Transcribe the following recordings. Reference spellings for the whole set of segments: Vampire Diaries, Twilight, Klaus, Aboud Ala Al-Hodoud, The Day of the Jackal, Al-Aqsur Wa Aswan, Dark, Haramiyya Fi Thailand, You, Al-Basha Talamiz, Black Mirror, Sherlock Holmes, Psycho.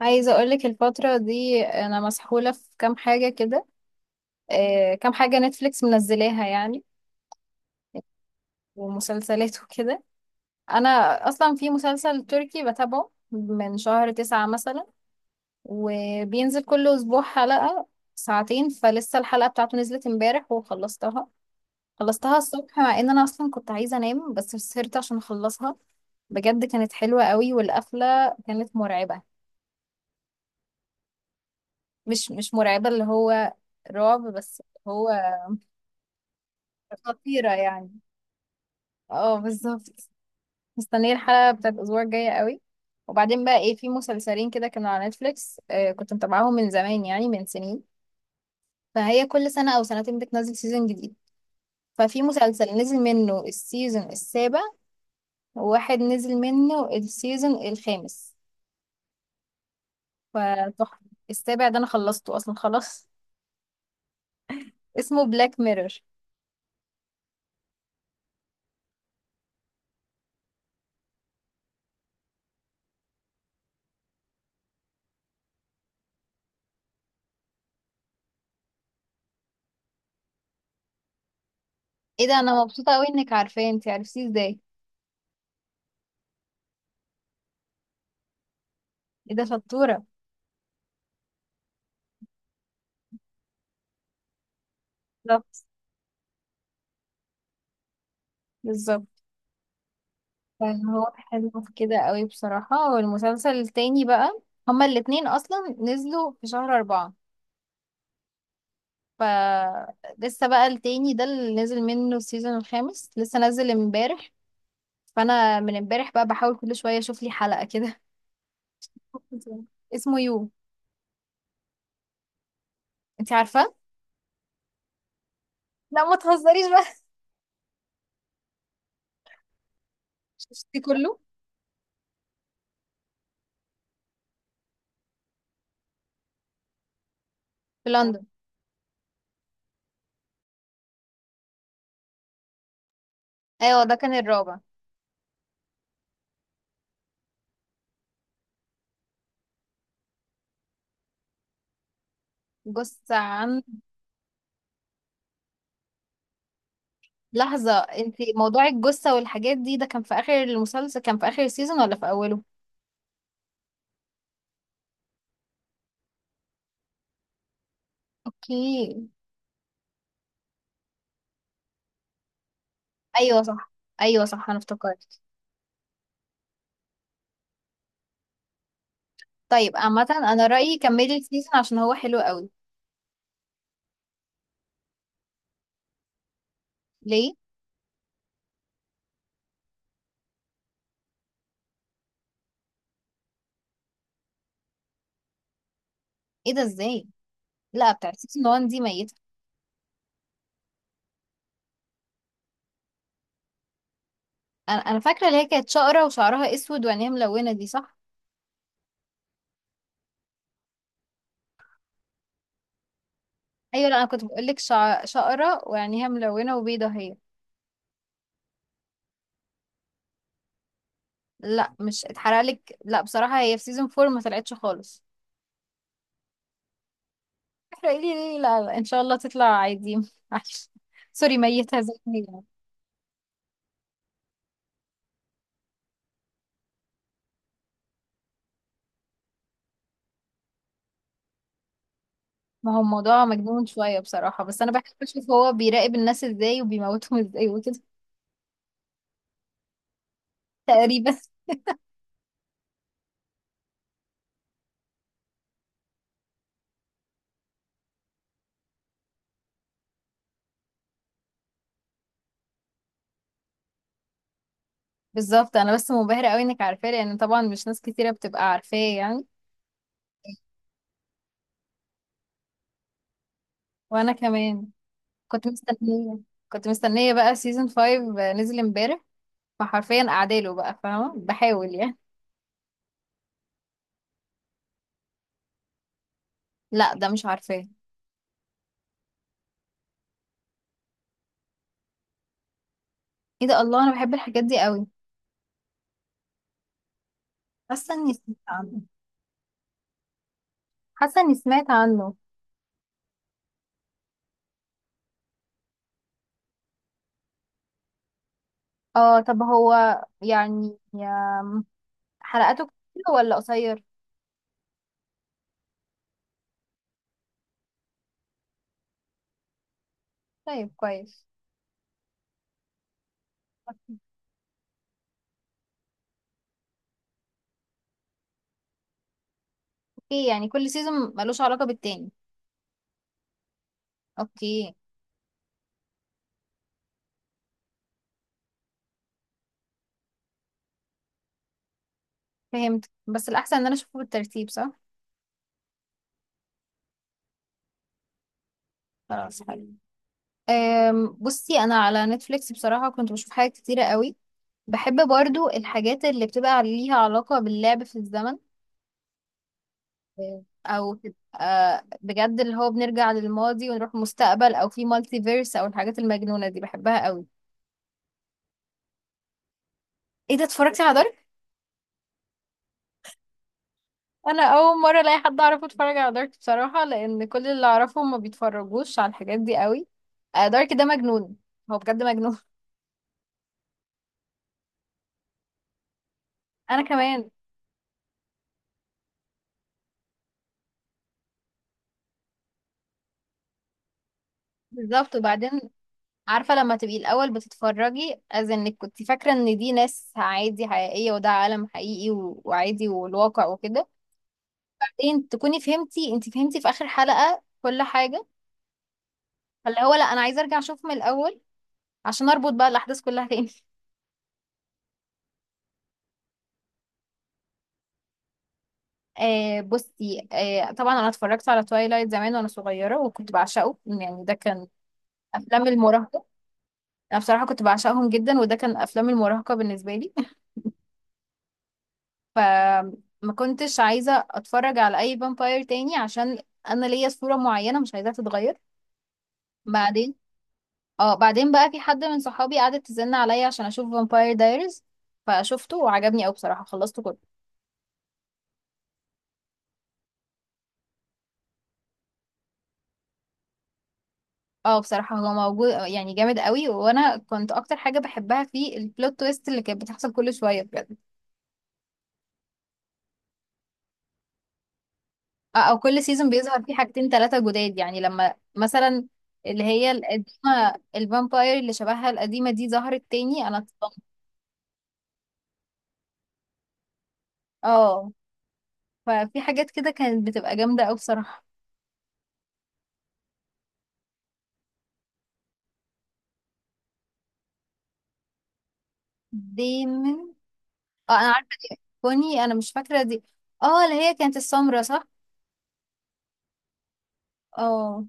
عايزة أقولك الفترة دي أنا مسحولة في كام حاجة كده. كام حاجة نتفليكس منزلاها يعني، ومسلسلات وكده. أنا أصلا في مسلسل تركي بتابعه من شهر 9 مثلا، وبينزل كل أسبوع حلقة ساعتين. فلسه الحلقة بتاعته نزلت امبارح وخلصتها، خلصتها الصبح مع إن أنا أصلا كنت عايزة أنام بس سهرت عشان أخلصها. بجد كانت حلوة قوي والقفلة كانت مرعبة. مش مرعبة اللي هو رعب بس، هو خطيرة يعني. اه بالظبط. مستنية الحلقة بتاعت الأسبوع الجاية قوي. وبعدين بقى ايه، في مسلسلين كده كانوا على نتفليكس، كنت متابعاهم من زمان يعني من سنين. فهي كل سنة أو سنتين بتنزل سيزون جديد. ففي مسلسل نزل منه السيزون السابع، وواحد نزل منه السيزون الخامس. فتحفة. السابع ده أنا خلصته أصلا خلاص. اسمه بلاك ميرور. ايه ده، أنا مبسوطة قوي إنك عارفاه. انتي عرفتيه ازاي؟ ايه ده شطورة. بالظبط. بالظبط. فهو حلو في كده قوي بصراحة. والمسلسل التاني بقى، هما الاتنين أصلا نزلوا في شهر 4. فلسه بقى التاني ده اللي نزل منه السيزون الخامس لسه نزل امبارح. فأنا من امبارح بقى بحاول كل شوية أشوف لي حلقة كده. اسمه يو. انت عارفة؟ لا ما تهزريش بقى. شفتي كله. في لندن. ايوه ده كان الرابع. جثة عن. لحظة، انت موضوع الجثة والحاجات دي ده كان في آخر المسلسل، كان في آخر السيزون ولا في أوله؟ اوكي. ايوه صح. ايوه صح انا افتكرت. طيب عامة انا رأيي كملي السيزون عشان هو حلو قوي. ليه؟ ايه ده ازاي؟ لا بتاع سيزون 1 دي ميتة. انا فاكرة اللي هي كانت شقرة وشعرها اسود وعينيها ملونة، دي صح؟ ايوه. لا انا كنت بقول لك شقرة وعينيها ملونة وبيضة هي. لا مش اتحرق لك، لا بصراحة هي في سيزون 4 ما طلعتش خالص. احرقي لي ليه؟ لا, لا ان شاء الله تطلع عادي. معلش. سوري ميتة زي ما هي. ما هو الموضوع مجنون شوية بصراحة، بس أنا بحب أشوف هو بيراقب الناس إزاي وبيموتهم إزاي وكده. تقريبا. بالظبط انا بس منبهرة قوي انك عارفاه، لان طبعا مش ناس كتيرة بتبقى عارفاه يعني. وانا كمان. كنت مستنية كنت مستنية بقى سيزون 5 نزل امبارح. فحرفيا قاعداله بقى فاهمة بحاول يعني. لا ده مش عارفاه. ايه ده الله، انا بحب الحاجات دي قوي. حاسة اني سمعت عنه. حاسة اني سمعت عنه. اه طب هو يعني حلقاته كتير ولا قصير؟ طيب كويس. اوكي يعني كل سيزون ملوش علاقة بالتاني. اوكي. فهمت، بس الأحسن إن أنا أشوفه بالترتيب، صح؟ خلاص حلو. بصي أنا على نتفليكس بصراحة كنت بشوف حاجات كتيرة قوي. بحب برضو الحاجات اللي بتبقى ليها علاقة باللعب في الزمن. أو تبقى بجد اللي هو بنرجع للماضي ونروح المستقبل، أو في مالتي فيرس، أو الحاجات المجنونة دي بحبها قوي. إيه ده، اتفرجتي على دارك؟ أنا أول مرة ألاقي حد أعرفه اتفرج على دارك بصراحة، لأن كل اللي أعرفهم ما بيتفرجوش على الحاجات دي قوي. دارك ده مجنون. هو بجد مجنون. أنا كمان. بالظبط. وبعدين، عارفة لما تبقي الأول بتتفرجي از انك كنت فاكرة ان دي ناس عادي حقيقية وده عالم حقيقي وعادي والواقع وكده. بعدين تكوني فهمتي، انت فهمتي في آخر حلقة كل حاجة. فاللي هو لا انا عايزة ارجع اشوف من الأول عشان اربط بقى الأحداث كلها تاني. آه بصي، آه طبعا انا اتفرجت على توايلايت زمان وانا صغيرة وكنت بعشقه، يعني ده كان افلام المراهقة. انا بصراحة كنت بعشقهم جدا وده كان افلام المراهقة بالنسبة لي. فما كنتش عايزة اتفرج على اي فامباير تاني عشان انا ليا صورة معينة مش عايزاها تتغير. بعدين، اه بعدين بقى في حد من صحابي قعدت تزن عليا عشان اشوف فامباير دايرز، فشفته وعجبني قوي بصراحة، خلصته كله. اه بصراحة هو موجود، يعني جامد قوي، وانا كنت اكتر حاجة بحبها فيه البلوت تويست اللي كانت بتحصل كل شوية بجد. او كل سيزون بيظهر فيه حاجتين ثلاثة جداد، يعني لما مثلا اللي هي القديمة الفامباير اللي شبهها القديمة دي ظهرت تاني انا اتصدمت. اه. ففي حاجات كده كانت بتبقى جامدة أوي بصراحة. دايما. اه أنا عارفة دي كوني، أنا مش فاكرة دي. اه اللي هي كانت السمرة، صح؟ اه.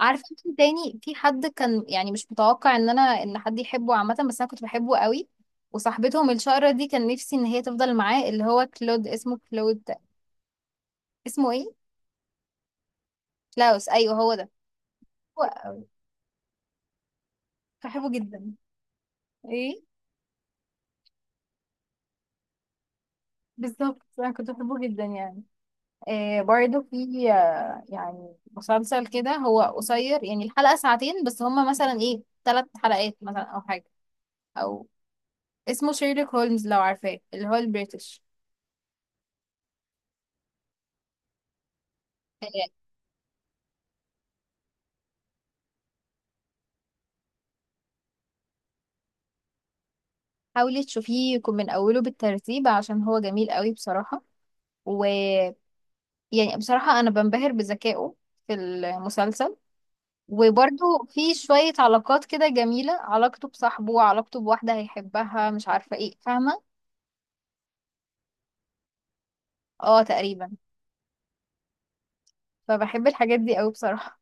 عارفة انت تاني في حد كان يعني مش متوقع ان انا ان حد يحبه عامة، بس انا كنت بحبه قوي. وصاحبتهم الشقرة دي كان نفسي ان هي تفضل معاه، اللي هو كلود، اسمه كلود. اسمه ايه؟ كلاوس ايوه هو ده. هو. كنت بحبه جدا. ايه. بالظبط انا كنت بحبه جدا يعني. برضو في يعني مسلسل كده هو قصير، يعني الحلقة ساعتين بس، هما مثلا ايه 3 حلقات مثلا او حاجة، او اسمه شيرلوك هولمز لو عارفاه، اللي هو البريتش. آه، حاولي تشوفيه يكون من اوله بالترتيب عشان هو جميل قوي بصراحة. ويعني، بصراحة انا بنبهر بذكائه في المسلسل، وبرضو في شوية علاقات كده جميلة، علاقته بصاحبه علاقته بواحدة هيحبها مش عارفة ايه، فاهمة. اه تقريبا. فبحب الحاجات دي قوي بصراحة.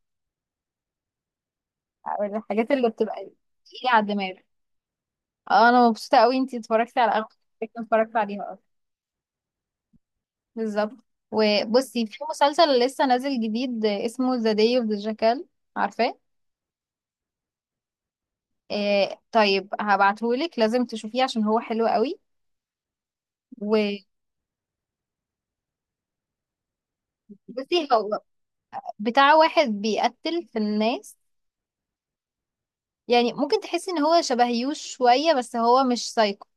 او الحاجات اللي بتبقى تقيلة على الدماغ. اه انا مبسوطة قوي انتي اتفرجتي على اغلب الحاجات اللي اتفرجت عليها اصلا. بالظبط. وبصي في مسلسل لسه نازل جديد اسمه ذا داي اوف ذا جاكال، عارفاه؟ آه طيب هبعتهولك لازم تشوفيه عشان هو حلو قوي. وبصي، هو بتاع واحد بيقتل في الناس، يعني ممكن تحسي ان هو شبه يوش شوية بس هو مش سايكو.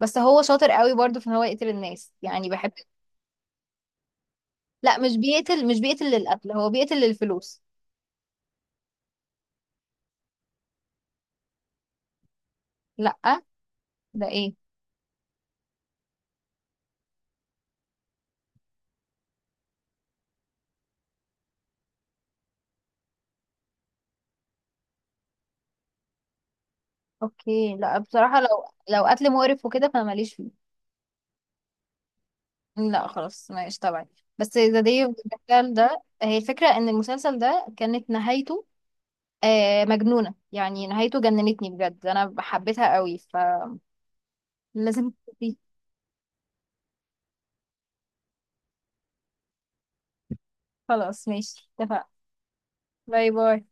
بس هو شاطر قوي برضه في ان هو يقتل الناس يعني بحب. لا مش بيقتل للقتل، هو بيقتل للفلوس. لا ده ايه؟ اوكي لا بصراحة لو، لو قتل مقرف وكده فانا ماليش فيه. لا خلاص ماشي طبعا. بس ذا داي اوف ده، هي الفكرة ان المسلسل ده كانت نهايته مجنونة، يعني نهايته جننتني بجد انا حبيتها قوي. فلازم تشوفيه. خلاص ماشي اتفقنا. باي باي.